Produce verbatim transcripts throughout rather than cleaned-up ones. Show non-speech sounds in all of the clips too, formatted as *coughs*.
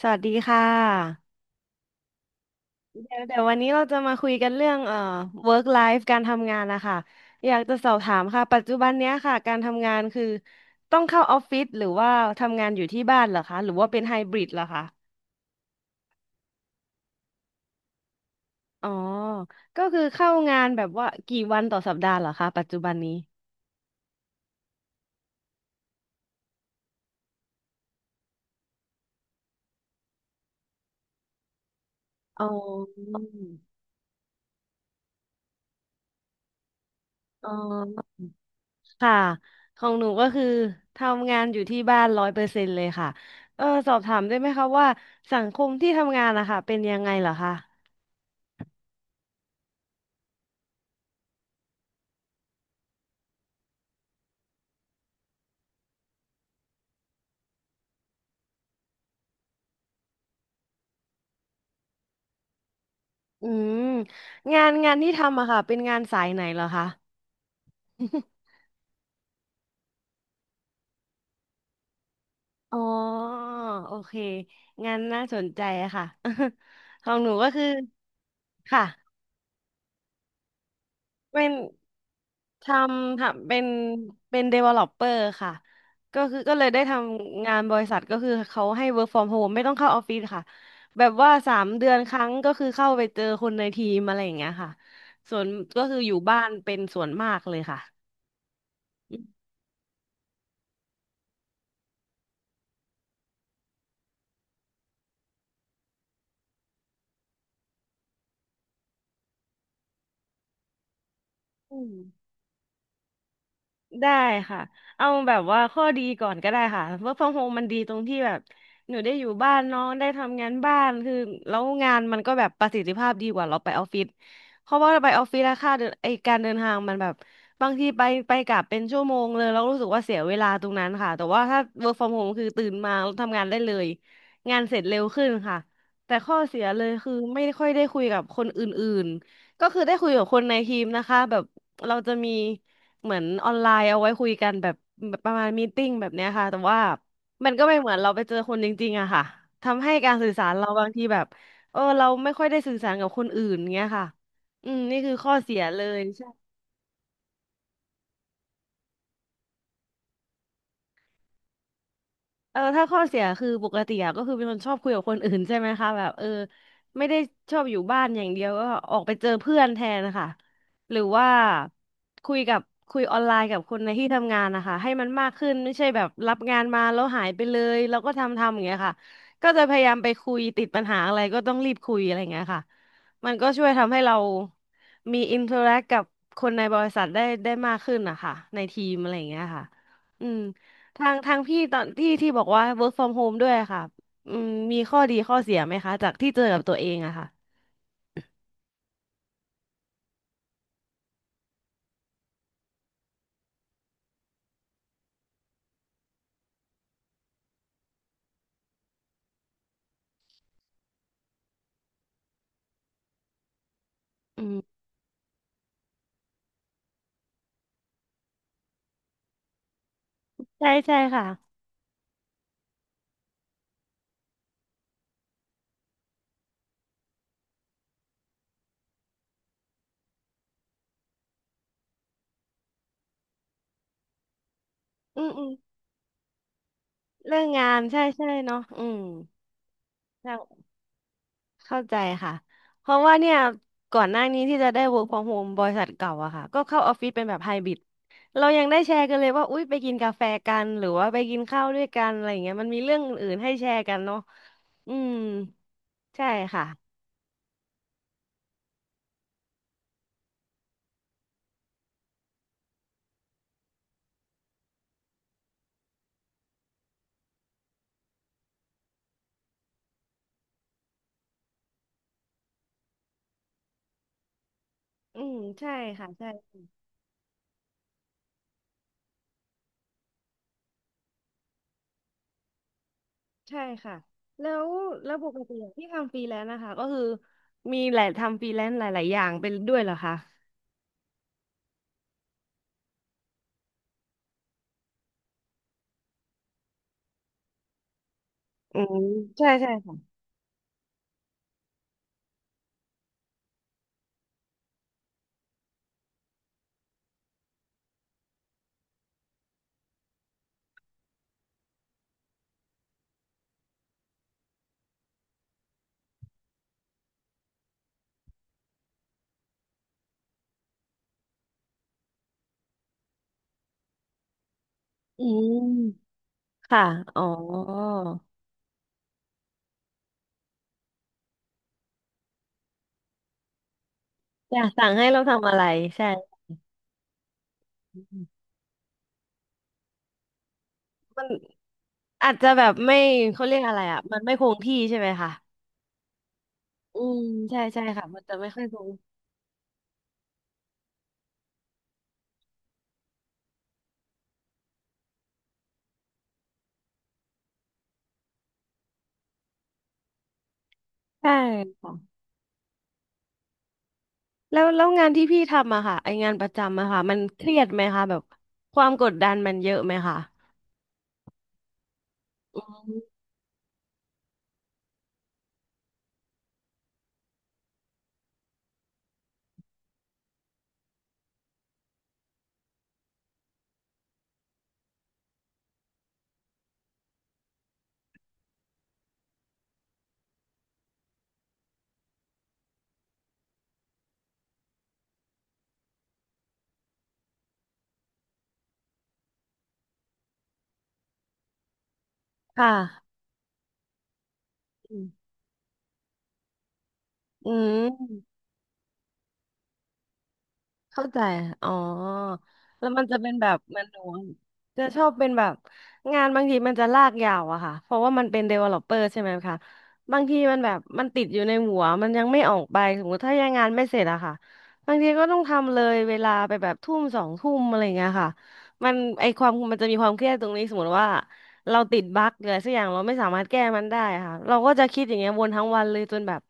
สวัสดีค่ะเดี๋ยวเดี๋ยววันนี้เราจะมาคุยกันเรื่องเอ่อ work life การทำงานนะคะอยากจะสอบถามค่ะปัจจุบันเนี้ยค่ะการทำงานคือต้องเข้าออฟฟิศหรือว่าทำงานอยู่ที่บ้านเหรอคะหรือว่าเป็นไฮบริดเหรอคะอ๋อก็คือเข้างานแบบว่ากี่วันต่อสัปดาห์เหรอคะปัจจุบันนี้อ๋ออ๋อค่ะของหนูก็คือทำงานอยู่ที่บ้านร้อยเปอร์เซ็นต์เลยค่ะเออสอบถามได้ไหมคะว่าสังคมที่ทำงานนะคะเป็นยังไงเหรอคะ อืมงานงานที่ทำอะค่ะเป็นงานสายไหนเหรอคะ *laughs* อ๋อโอเคงานน่าสนใจอะค่ะ *laughs* ของหนูก็คือค่ะเป็นทำทำเป็นเป็น developer ค่ะก็คือก็เลยได้ทำงานบริษัทก็คือเขาให้ work from home ไม่ต้องเข้าออฟฟิศค่ะแบบว่าสามเดือนครั้งก็คือเข้าไปเจอคนในทีมอะไรอย่างเงี้ยค่ะส่วนก็คืออยู่บ้านเป็นส่วนมากเลยค่ะอืม ได้ค่ะ เอาแบบว่าข้อดีก่อนก็ได้ค่ะ work from home มันดีตรงที่แบบหนูได้อยู่บ้านเน้องได้ทำงานบ้านคือแล้วงานมันก็แบบประสิทธิภาพดีกว่าเราไปออฟฟิศเพราะว่าเราไปออฟฟิศแล้วค่าเดินไอการเดินทางมันแบบบางทีไปไปกลับเป็นชั่วโมงเลยเรารู้สึกว่าเสียเวลาตรงนั้นค่ะแต่ว่าถ้า work from home คือตื่นมาแล้วทำงานได้เลยงานเสร็จเร็วขึ้นค่ะแต่ข้อเสียเลยคือไม่ค่อยได้คุยกับคนอื่นๆก็คือได้คุยกับคนในทีมนะคะแบบเราจะมี เหมือนออนไลน์เอาไว้คุยกันแบบแบบประมาณมีตติ้งแบบเนี้ยค่ะแต่ว่ามันก็ไม่เหมือนเราไปเจอคนจริงๆอะค่ะทำให้การสื่อสารเราบางทีแบบเออเราไม่ค่อยได้สื่อสารกับคนอื่นเงี้ยค่ะอืมนี่คือข้อเสียเลย เออถ้าข้อเสียคือปกติอะก็คือเป็นคนชอบคุยกับคนอื่นใช่ไหมคะแบบเออไม่ได้ชอบอยู่บ้านอย่างเดียวก็ออกไปเจอเพื่อนแทนนะคะหรือว่าคุยกับคุยออนไลน์กับคนในที่ทำงานนะคะให้มันมากขึ้นไม่ใช่แบบรับงานมาแล้วหายไปเลยแล้วก็ทำทำอย่างเงี้ยค่ะก็จะพยายามไปคุยติดปัญหาอะไรก็ต้องรีบคุยอะไรอย่างเงี้ยค่ะมันก็ช่วยทำให้เรามีอินเทอร์แอคกับคนในบริษัทได้ได้มากขึ้นนะคะในทีมอะไรอย่างเงี้ยค่ะอืม ทางทางพี่ตอนที่ที่บอกว่า work from home ด้วยค่ะอืมมีข้อดีข้อเสียไหมคะจากที่เจอกับตัวเองอะค่ะอืมใช่ใช่ค่ะอืมอืมเรื่องงานใช่ใช่เนาะอืมเข้าเข้าใจค่ะ เพราะว่าเนี่ยก่อนหน้านี้ที่จะได้ work from home บริษัทเก่าอะค่ะ ก็เข้าออฟฟิศเป็นแบบไฮบริดเรายังได้แชร์กันเลยว่าอุ๊ยไปกินกาแฟกันหรือว่าไปกินข้าวด้วยกันอะไรอย่างเงี้ยมันมีเรื่องอื่นๆให้แชร์กันเนาะอืมใช่ค่ะอืมใช่ค่ะใช่ ใช่ค่ะแล้วแล้วปกติที่ทำฟรีแลนซ์นะคะก็คือมีหลายทำฟรีแลนซ์หลายๆอย่างเป็นด้วยเหรอคะอืมใช่ใช่ค่ะอืมค่ะอ๋ออยากสั่งให้เราทำอะไรใช่มันอาจจะแบบไม่เขาเรียกอะไรอ่ะมันไม่คงที่ใช่ไหมคะอืมใช่ใช่ค่ะมันจะไม่ค่อยคงใช่ค่ะแล้วแล้วงานที่พี่ทำอะค่ะไองานประจำอะค่ะมันเครียดไหมคะแบบความกดดันมันเยอะไหมคะอืมค่ะอืม เข้าใจอ๋อแล้วมันจะเป็นแบบมันหนูจะชอบเป็นแบบงานบางทีมันจะลากยาวอะค่ะ เพราะว่ามันเป็น developer ใช่ไหมคะบางทีมันแบบมันติดอยู่ในหัวมันยังไม่ออกไป สมมติถ้ายังงานไม่เสร็จอะค่ะบางทีก็ต้องทำเลยเวลาไปแบบทุ่มสองทุ่มอะไรเงี้ยค่ะมันไอความมันจะมีความเครียดตรงนี้สมมติว่าเราติดบั๊กเลยสักอย่างเราไม่สามารถแก้มันได้ค่ะเราก็จะคิดอย่างเงี้ยวนทั้งวันเลยจนแบบ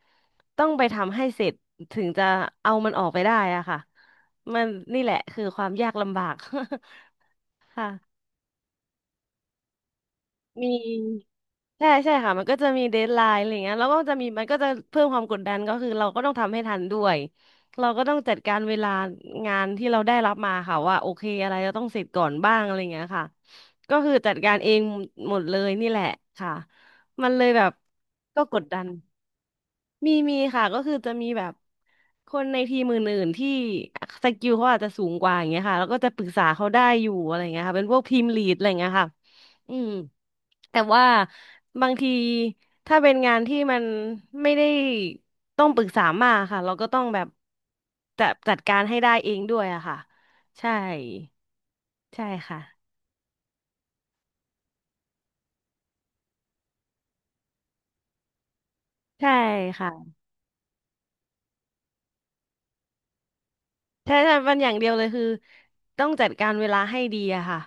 ต้องไปทำให้เสร็จถึงจะเอามันออกไปได้อะค่ะ มันนี่แหละคือความยากลำบาก *laughs* ค่ะมี ใช่ใช่ค่ะมันก็จะมีเดดไลน์อะไรเงี้ยแล้วก็จะมีมันก็จะเพิ่มความกดดันก็คือเราก็ต้องทำให้ทันด้วยเราก็ต้องจัดการเวลางานที่เราได้รับมาค่ะว่าโอเคอะไรเราต้องเสร็จก่อนบ้างอะไรเงี้ยค่ะก็คือจัดการเองหมดเลยนี่แหละค่ะมันเลยแบบก็กดดันมีมีค่ะก็คือจะมีแบบคนในทีมอื่นๆที่สกิลเขาอาจจะสูงกว่าอย่างเงี้ยค่ะแล้วก็จะปรึกษาเขาได้อยู่อะไรเงี้ยค่ะเป็นพวกทีมลีดอะไรเงี้ยค่ะอืม แต่ว่าบางทีถ้าเป็นงานที่มันไม่ได้ต้องปรึกษามากค่ะเราก็ต้องแบบจัดจัดการให้ได้เองด้วยอะค่ะใช่ใช่ค่ะใช่ค่ะ ใช่ใช่มันอย่างเดียวเลยคือต้องจัดการเวลาให้ดีอะค่ะ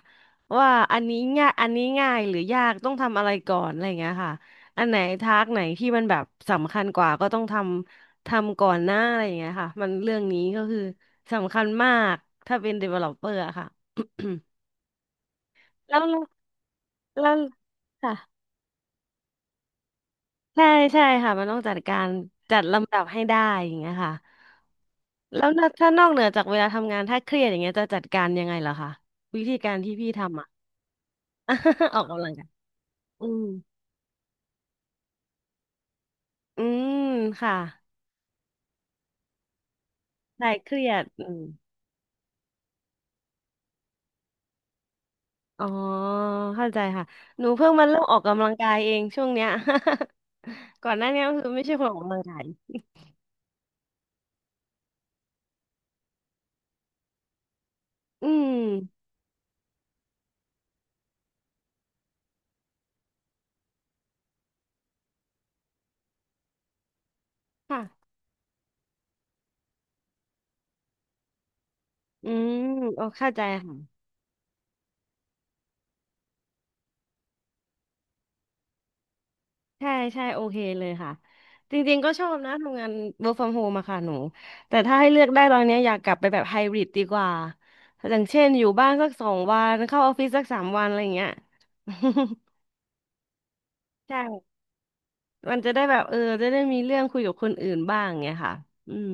ว่าอันนี้ง่ายอันนี้ง่ายหรือยากต้องทำอะไรก่อนอะไรอย่างเงี้ยค่ะอันไหนทากไหนที่มันแบบสำคัญกว่าก็ต้องทำทำก่อนหน้าอะไรอย่างเงี้ยค่ะมันเรื่องนี้ก็คือสำคัญมากถ้าเป็น ดิเวลลอปเปอร์ อะค่ะ *coughs* แล้วแล้วค่ะใช่ใช่ค่ะมันต้องจัดการจัดลำดับให้ได้อย่างเงี้ยค่ะแล้วนอกถ้านอกเหนือจากเวลาทำงานถ้าเครียดอย่างเงี้ยจะจัดการยังไงเหรอคะวิธีการที่พี่ทำอะ *laughs* ออกกำลังกาย อืมอืมค่ะคลายเครียดอืมอ๋อเข้าใจค่ะ หนูเพิ่งมาเริ่มออกกำลังกายเองช่วงเนี้ย *laughs* ก่อนหน้านี้ก็คือไม่ใช่คนออกกำลังกาย อืมค่ะ อืมโอเข้าใจค่ะ ใช่ใช่โอเคเลยค่ะ จริงๆก็ชอบนะทำงาน เวิร์คฟรอมโฮม อะค่ะหนู แต่ถ้าให้เลือกได้ตอนเนี้ยอยากกลับไปแบบไฮบริดดีกว่าอย่างเช่นอยู่บ้านสักสองวันเข้าออฟฟิศสักสามวันอะไรอย่างเงี้ย *laughs* ใช่ มันจะได้แบบเออจะได้มีเรื่องคุยกับคนอื่นบ้างไงค่ะอืม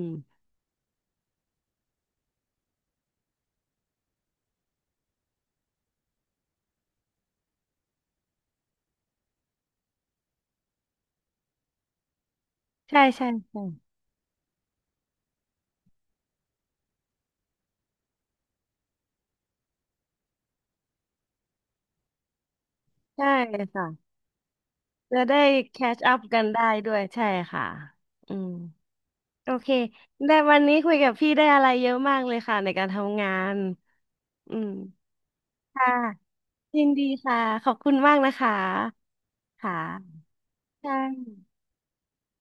ใช่ใช่ใช่ใช่ค่ะจะได้แคชอัพกันได้ด้วยใช่ค่ะอืมโอเคได้วันนี้คุยกับพี่ได้อะไรเยอะมากเลยค่ะในการทำงานอืมค่ะยินดีค่ะขอบคุณมากนะคะค่ะใช่